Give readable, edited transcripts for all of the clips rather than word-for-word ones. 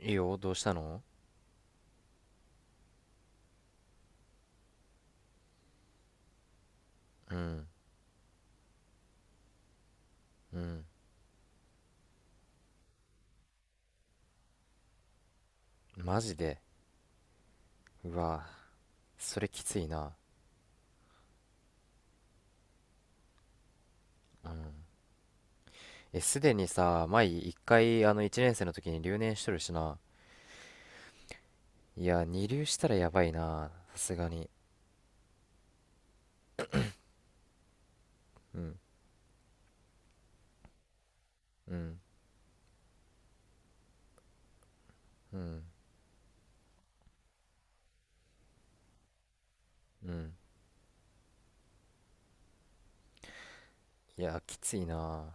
いいよ、どうしたの？うん。マジで。うわ、それきついな。うん。え、すでにさ、前一回、一年生の時に留年しとるしな。いや、二流したらやばいな。さすがに。うん、うん、うん、うん。いや、きついな。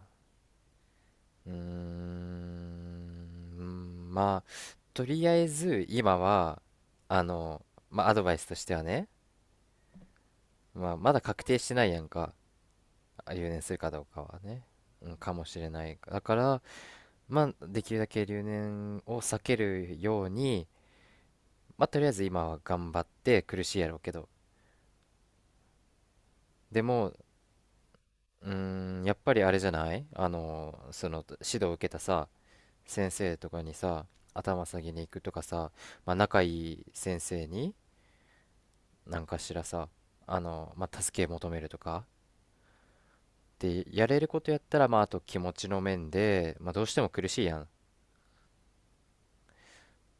うーん、まあ、とりあえず、今は、あの、まあ、アドバイスとしてはね、まあ、まだ確定してないやんか。留年するかどうかはね。うん、かもしれない。だから、まあ、できるだけ留年を避けるように、まあ、とりあえず今は頑張って苦しいやろうけど。でも、うーん、やっぱりあれじゃない？指導を受けたさ、先生とかにさ、頭下げに行くとかさ、まあ、仲いい先生に、なんかしらさ、まあ、助け求めるとか、で、やれることやったら、まあ、あと気持ちの面で、まあ、どうしても苦しいやん。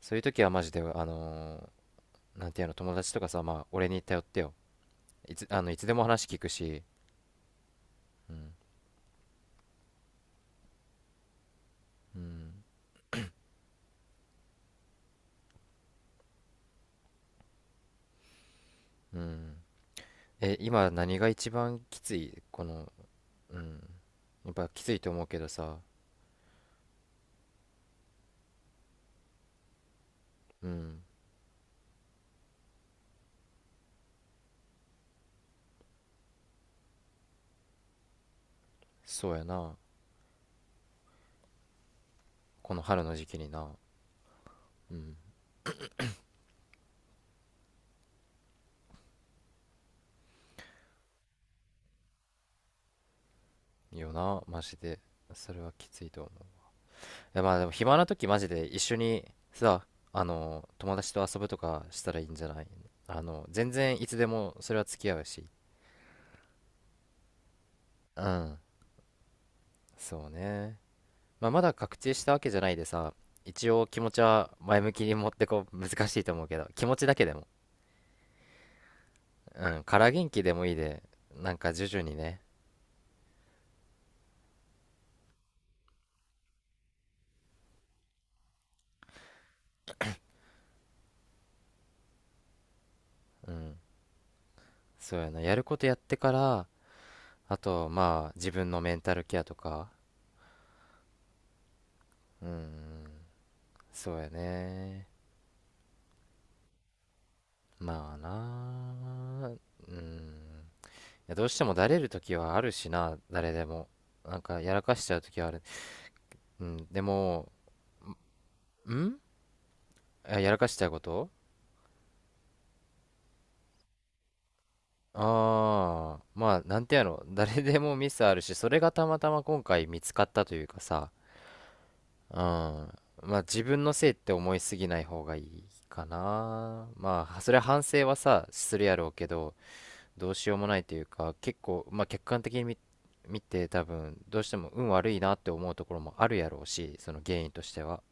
そういう時はマジで、なんていうの、友達とかさ、まあ、俺に頼ってよ。いつでも話聞くし、うん、うん、うん。え、今何が一番きつい？この、うん。やっぱきついと思うけどさ、うん、そうやな。この春の時期にな、うん、よな、マジで。それはきついと思う。いや、まあでも暇な時マジで一緒にさ、友達と遊ぶとかしたらいいんじゃない？全然いつでもそれは付き合うし。うん、そうね。まあ、まだ確定したわけじゃないでさ、一応気持ちは前向きに持ってこう難しいと思うけど、気持ちだけでも、うん、から元気でもいいで、なんか徐々にね、うん、そうやな、やることやってから、あと、まあ、自分のメンタルケアとか、うん、そうやね、まあな、うん、いやどうしてもだれる時はあるしな、誰でも。なんかやらかしちゃう時はある。うん、でも、んいややらかしちゃうこと？ああ、まあ、なんてやろ、誰でもミスあるし、それがたまたま今回見つかったというかさ、うん、まあ自分のせいって思いすぎない方がいいかな。まあ、それは反省はさ、するやろうけど、どうしようもないというか、結構、まあ客観的に見て多分、どうしても運悪いなって思うところもあるやろうし、その原因としては。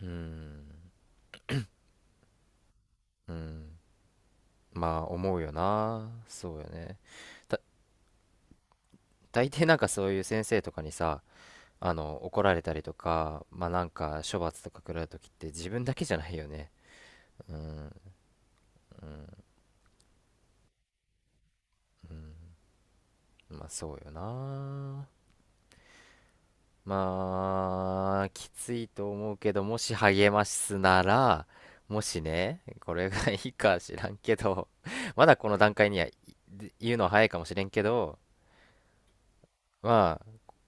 うん、うん、まあ思うよな。そうよね。た、大抵なんかそういう先生とかにさ、怒られたりとか、まあなんか処罰とか食らう時って自分だけじゃないよね。うん、うん、うん。まあそうよな。まあ、きついと思うけど、もし励ますなら、もしね、これがいいか知らんけど、まだこの段階にはい言うのは早いかもしれんけど、ま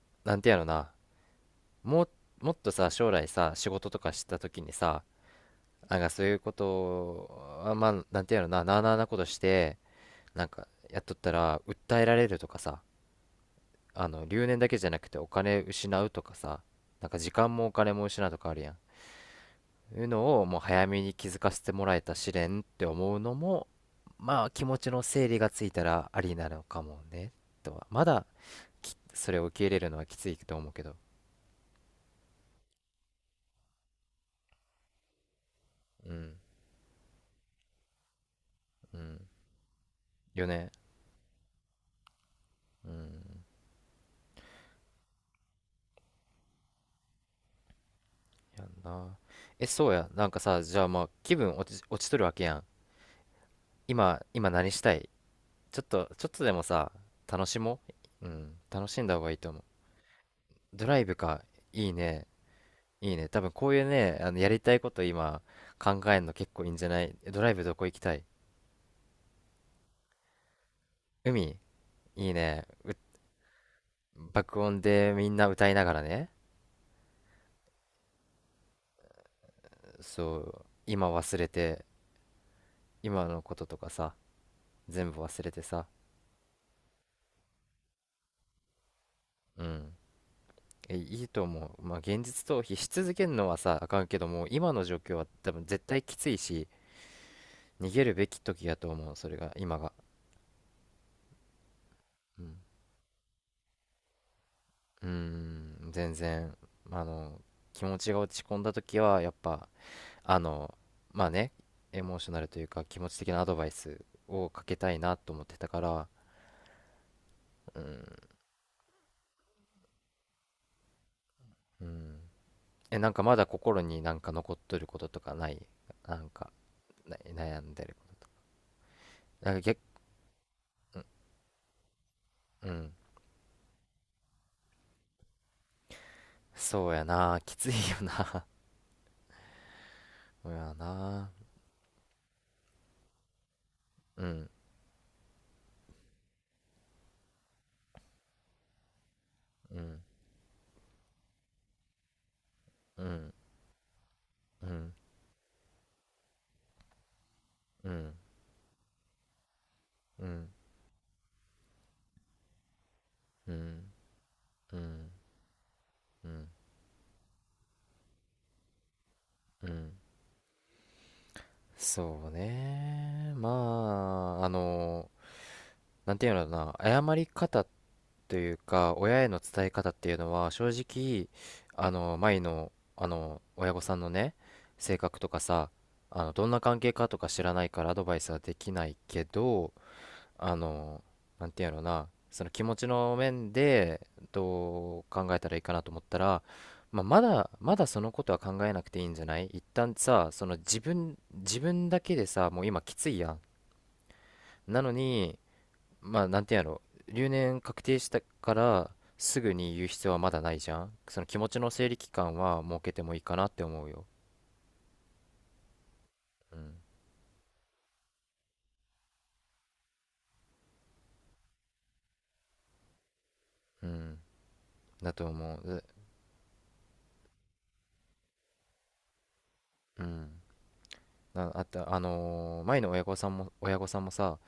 あ、なんてやろな、もう、もっとさ、将来さ、仕事とかした時にさ、なんかそういうことを、あまあ、なんてやろな、なあなあなことして、なんかやっとったら訴えられるとかさ、留年だけじゃなくてお金失うとかさ、なんか時間もお金も失うとかあるやん、いうのをもう早めに気づかせてもらえた試練って思うのも、まあ気持ちの整理がついたらありなのかもね。とはまだ、それを受け入れるのはきついと思うけど。うん。うん、よね。うん。やんな。えそうやな。んかさ、じゃあまあ気分落ちとるわけやん。今何したい？ちょっとでもさ、楽しもう。うん、楽しんだ方がいいと思う。ドライブか、いいね、いいね。多分こういうね、やりたいこと今考えるの結構いいんじゃない？ドライブどこ行きたい？海、いいね。爆音でみんな歌いながらね。そう、今忘れて、今のこととかさ、全部忘れてさ。うん。え、いいと思う。まあ、現実逃避し続けるのはさ、あかんけども、今の状況は多分絶対きついし、逃げるべき時やと思う、それが、今が。うん、うーん全然、あの、気持ちが落ち込んだ時は、やっぱ、あの、まあね、エモーショナルというか、気持ち的なアドバイスをかけたいなと思ってたから、うん、うん。え、なんかまだ心になんか残っとることとかない？なんか、悩んでることとか。なんか逆、うん。そうやな、きついよな。そうやな。うん、うん、うん、うん、うん、うん、うん、うん、うん、うん。そうね。まあ、なんていうのかな、謝り方というか、親への伝え方っていうのは、正直、前の、親御さんのね、性格とかさ、どんな関係かとか知らないからアドバイスはできないけど、あのなんていうんやろうな、その気持ちの面でどう考えたらいいかなと思ったら、まあ、まだまだそのことは考えなくていいんじゃない？一旦さ、その自分だけでさ、もう今きついやん。なのに、まあなんていうんやろ、留年確定したからすぐに言う必要はまだないじゃん。その気持ちの整理期間は設けてもいいかなって思うよ。うん、うん、だと思う。ううん、なあと、前の親御さんもさ、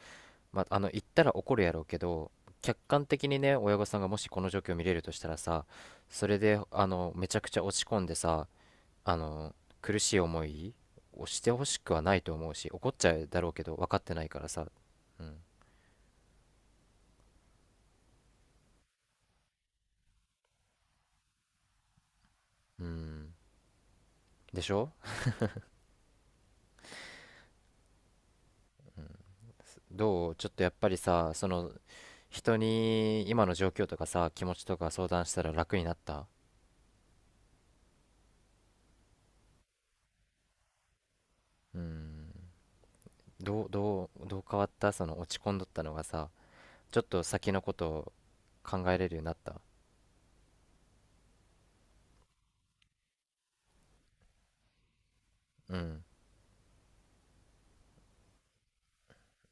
まあ、言ったら怒るやろうけど、客観的にね、親御さんがもしこの状況を見れるとしたらさ、それでめちゃくちゃ落ち込んでさ、あの苦しい思いをしてほしくはないと思うし、怒っちゃうだろうけど分かってないからさ。うん、うん、でしょ？どう、ちょっとやっぱりさ、その人に今の状況とかさ、気持ちとか相談したら楽になった？うん。どう変わった？その落ち込んどったのがさ、ちょっと先のことを考えれるようになった？うん、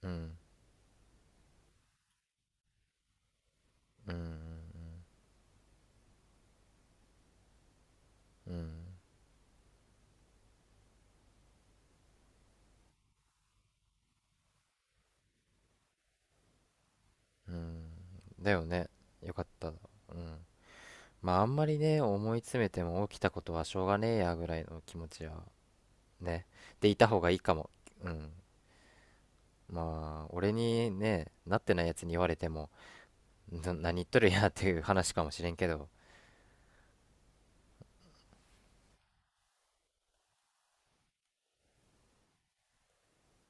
うん、うん、うん、うん、だよね。よかった。うん。まああんまりね、思い詰めても起きたことはしょうがねえやぐらいの気持ちはね、でいた方がいいかも。うん。まあ俺にね、なってないやつに言われてもな、何言っとるやっていう話かもしれんけど